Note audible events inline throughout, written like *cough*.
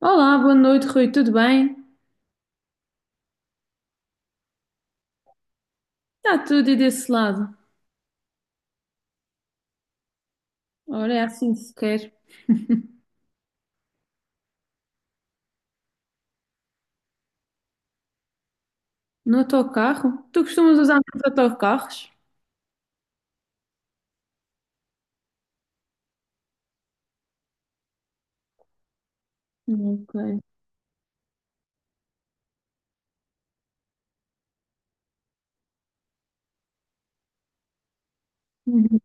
Olá, boa noite, Rui, tudo bem? Está tudo e desse lado. Ora, é assim que se quer. No autocarro? Tu costumas usar muitos autocarros? Ok. Uhum.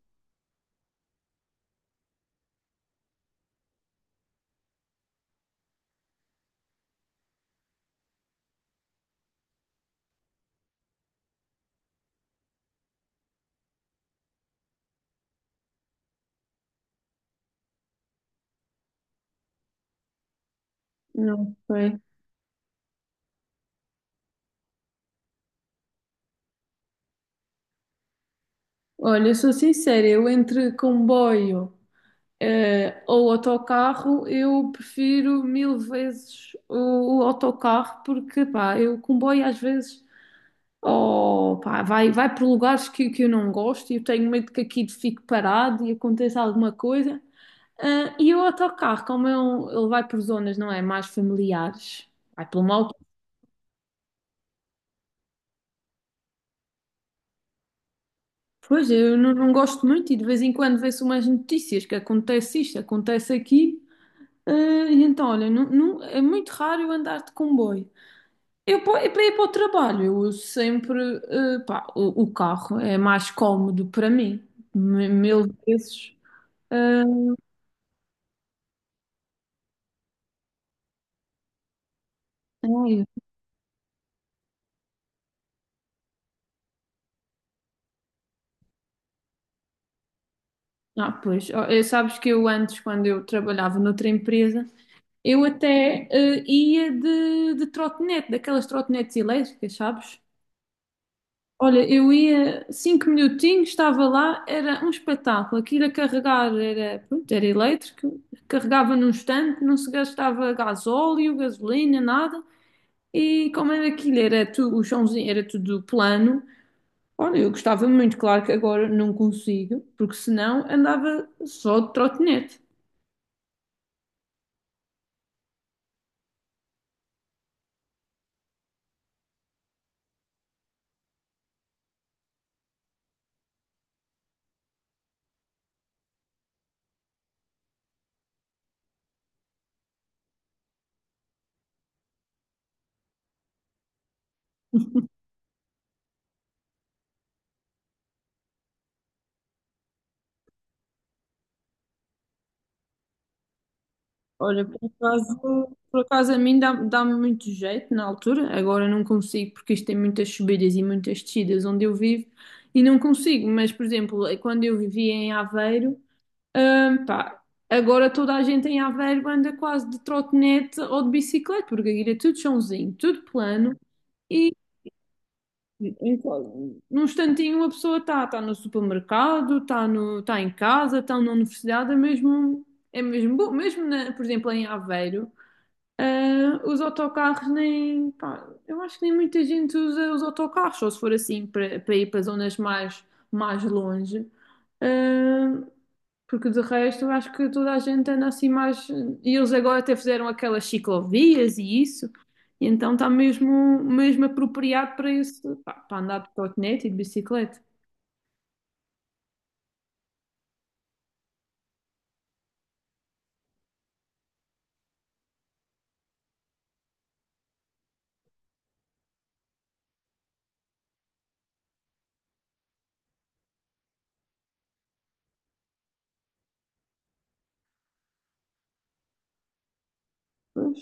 *laughs* Não sei. Olha, eu sou sincera. Eu, entre comboio, ou autocarro, eu prefiro mil vezes o autocarro, porque pá, eu comboio às vezes, oh pá, vai por lugares que eu não gosto, e eu tenho medo que aquilo fique parado e aconteça alguma coisa. Ah, e o autocarro, ele vai por zonas, não é? Mais familiares, vai pelo mal. Pois, eu não gosto muito, e de vez em quando vê-se umas notícias que acontece isto, acontece aqui. Ah, e então, olha, é muito raro eu andar de comboio. Eu, eu para ir para o trabalho, eu uso sempre, pá, o carro, é mais cómodo para mim, mil vezes. Ah, ai, ah, pois, oh, sabes que eu antes, quando eu trabalhava noutra empresa, eu até ia de trotinete, daquelas trotinetes elétricas, sabes? Olha, eu ia 5 minutinhos, estava lá, era um espetáculo. Aquilo a carregar era, pronto, era elétrico, carregava num instante, não se gastava gasóleo, gasolina, nada. E como era aquilo, era tu, o chãozinho era tudo plano. Olha, eu gostava muito, claro que agora não consigo, porque senão andava só de trotinete. Olha, por acaso a mim dá-me muito jeito na altura. Agora não consigo porque isto tem muitas subidas e muitas descidas onde eu vivo, e não consigo. Mas, por exemplo, é quando eu vivia em Aveiro, pá, agora toda a gente em Aveiro anda quase de trotinete ou de bicicleta, porque aquilo é tudo chãozinho, tudo plano. E em qual- num instantinho a pessoa está no supermercado, está no, tá em casa, está na universidade. É mesmo bom, mesmo por exemplo em Aveiro. Ah, os autocarros, nem pá, eu acho que nem muita gente usa os autocarros, só se for assim para ir para zonas mais longe. Ah, porque de resto eu acho que toda a gente anda assim mais. E eles agora até fizeram aquelas ciclovias e isso, e então está mesmo apropriado para isso, pá, para andar de trotinete e de bicicleta. Pois,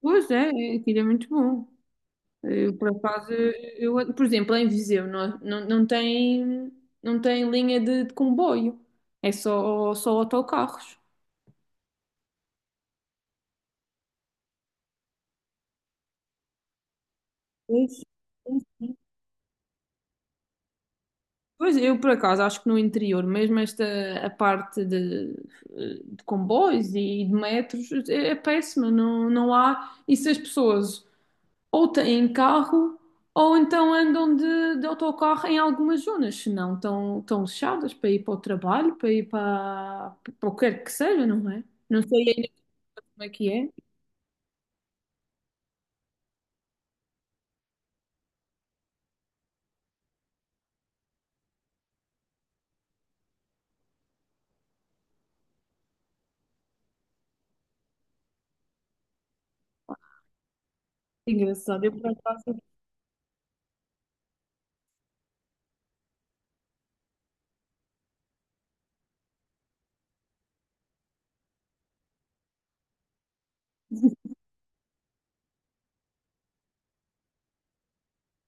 pois é, aquilo é muito bom. Eu, por acaso, por exemplo, em Viseu não tem linha de comboio, é só autocarros. Pois, sim, sim. Pois, eu, por acaso, acho que no interior, mesmo esta a parte de comboios e de metros, é péssima, não há. E se as pessoas ou têm carro, ou então andam de autocarro em algumas zonas, senão estão fechadas para ir para o trabalho, para ir para o que quer que seja, não é? Não sei ainda como é que é. Engraçado. Eu, por acaso,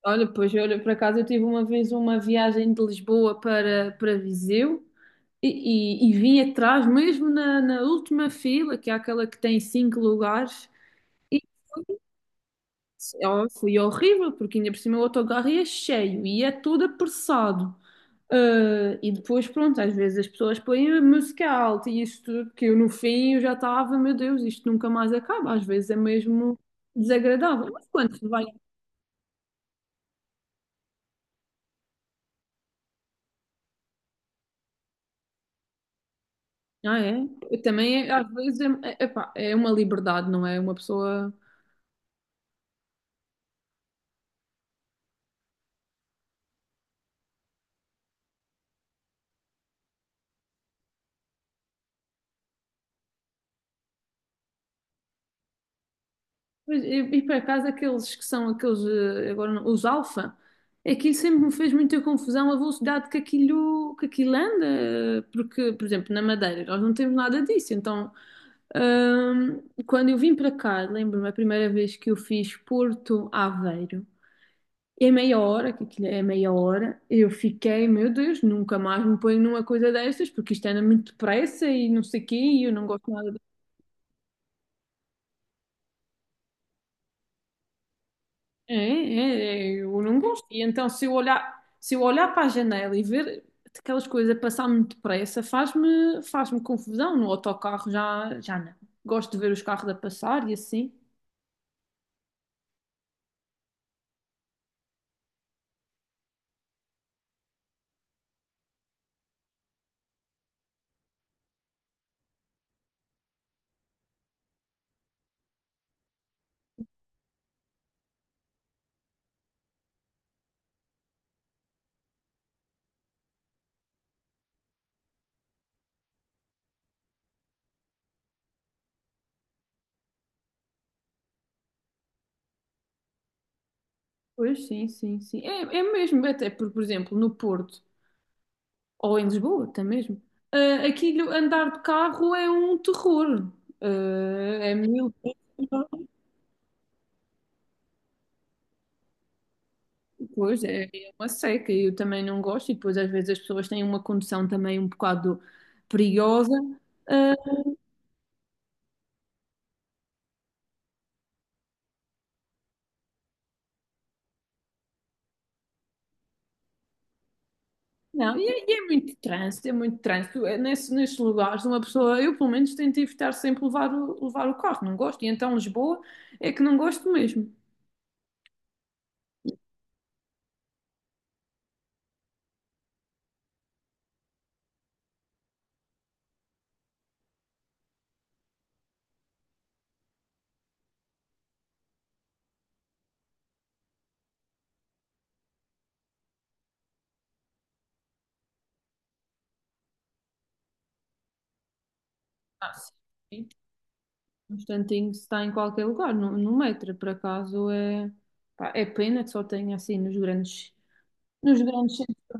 olha, pois, olha, por acaso eu tive uma vez uma viagem de Lisboa para Viseu. E, e vim atrás, mesmo na última fila, que é aquela que tem cinco lugares. E ó, foi horrível, porque ainda por cima o autocarro é cheio e é tudo apressado. Ah, e depois, pronto, às vezes as pessoas põem a música alta e isso tudo, que eu no fim eu já estava, meu Deus, isto nunca mais acaba. Às vezes é mesmo desagradável. Mas quando se vai. Ah, é? Eu também, às vezes, epá, é uma liberdade, não é? Uma pessoa. Mas, e por acaso, aqueles que são aqueles, agora, os alfa, aquilo sempre me fez muita confusão a velocidade que aquilo anda, porque, por exemplo, na Madeira nós não temos nada disso, então. Ahm, Quando eu vim para cá, lembro-me a primeira vez que eu fiz Porto Aveiro. E a meia hora, que aquilo é meia hora, eu fiquei, meu Deus, nunca mais me ponho numa coisa destas, porque isto anda muito depressa e não sei o quê, e eu não gosto nada. É, eu não gosto. E então, se eu olhar para a janela e ver aquelas coisas a passar muito depressa, faz-me confusão. No autocarro já não. Gosto de ver os carros a passar e assim. Pois, sim, sim, sim. É mesmo, até por exemplo, no Porto ou em Lisboa, até mesmo. Ah, aquilo andar de carro é um terror. Ah, é mil. Pois é uma seca. Eu também não gosto, e depois às vezes as pessoas têm uma condução também um bocado perigosa. Ah, não, e é muito trânsito, é muito trânsito. É nesses lugares, uma pessoa, eu pelo menos tento evitar sempre levar o carro, não gosto. E então Lisboa é que não gosto mesmo. Ah, sim. Um instantinho se está em qualquer lugar, no metro, por acaso é pá, é pena que só tenha assim nos grandes centros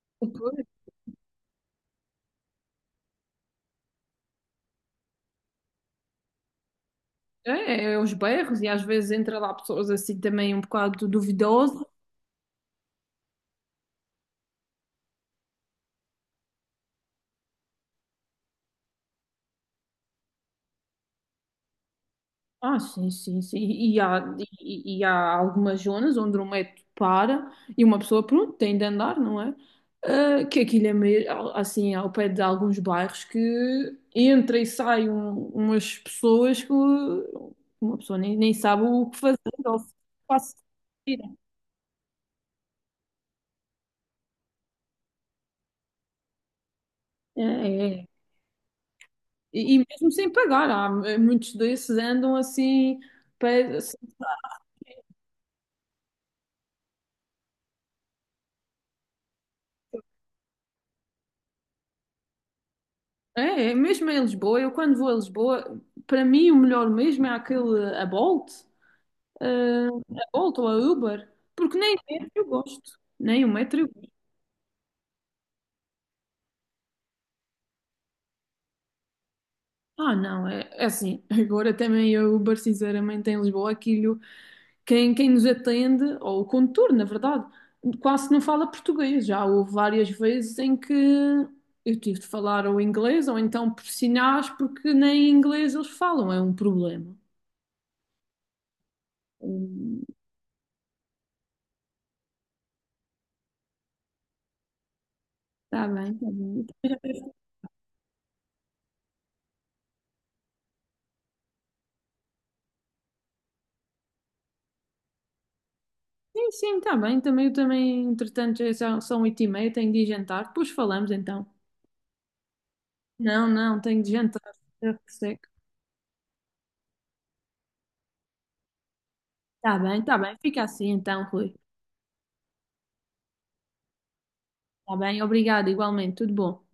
de cultura. Os bairros, e às vezes entra lá pessoas assim também um bocado duvidosas. Ah, sim, sim, sim. E há algumas zonas onde o metro para, e uma pessoa, pronto, tem de andar, não é? Ah, que aquilo é meio assim, ao pé de alguns bairros que entra e sai umas pessoas que uma pessoa nem sabe o que fazer, ou se quase se tira. É, é. É. E mesmo sem pagar, há muitos desses andam assim, assim. Mesmo em Lisboa, eu quando vou a Lisboa, para mim o melhor mesmo é aquele, a Bolt. A Bolt ou a Uber, porque nem o metro eu gosto. Nem o metro eu gosto. Ah, não, é assim. *laughs* Agora também a Uber, sinceramente, em Lisboa, aquilo, quem nos atende, ou o condutor, na verdade, quase não fala português. Já houve várias vezes em que eu tive de falar ou inglês, ou então por sinais, porque nem inglês eles falam, é um problema. Hum. Tá bem, tá bem. Sim, sim, tá bem. Também, eu também, entretanto, já são 8h30, tenho de ir jantar. Depois falamos então. Não, não, tenho de jantar. Eu que seco. Tá bem, tá bem. Fica assim então, Rui. Tá bem, obrigado, igualmente. Tudo bom.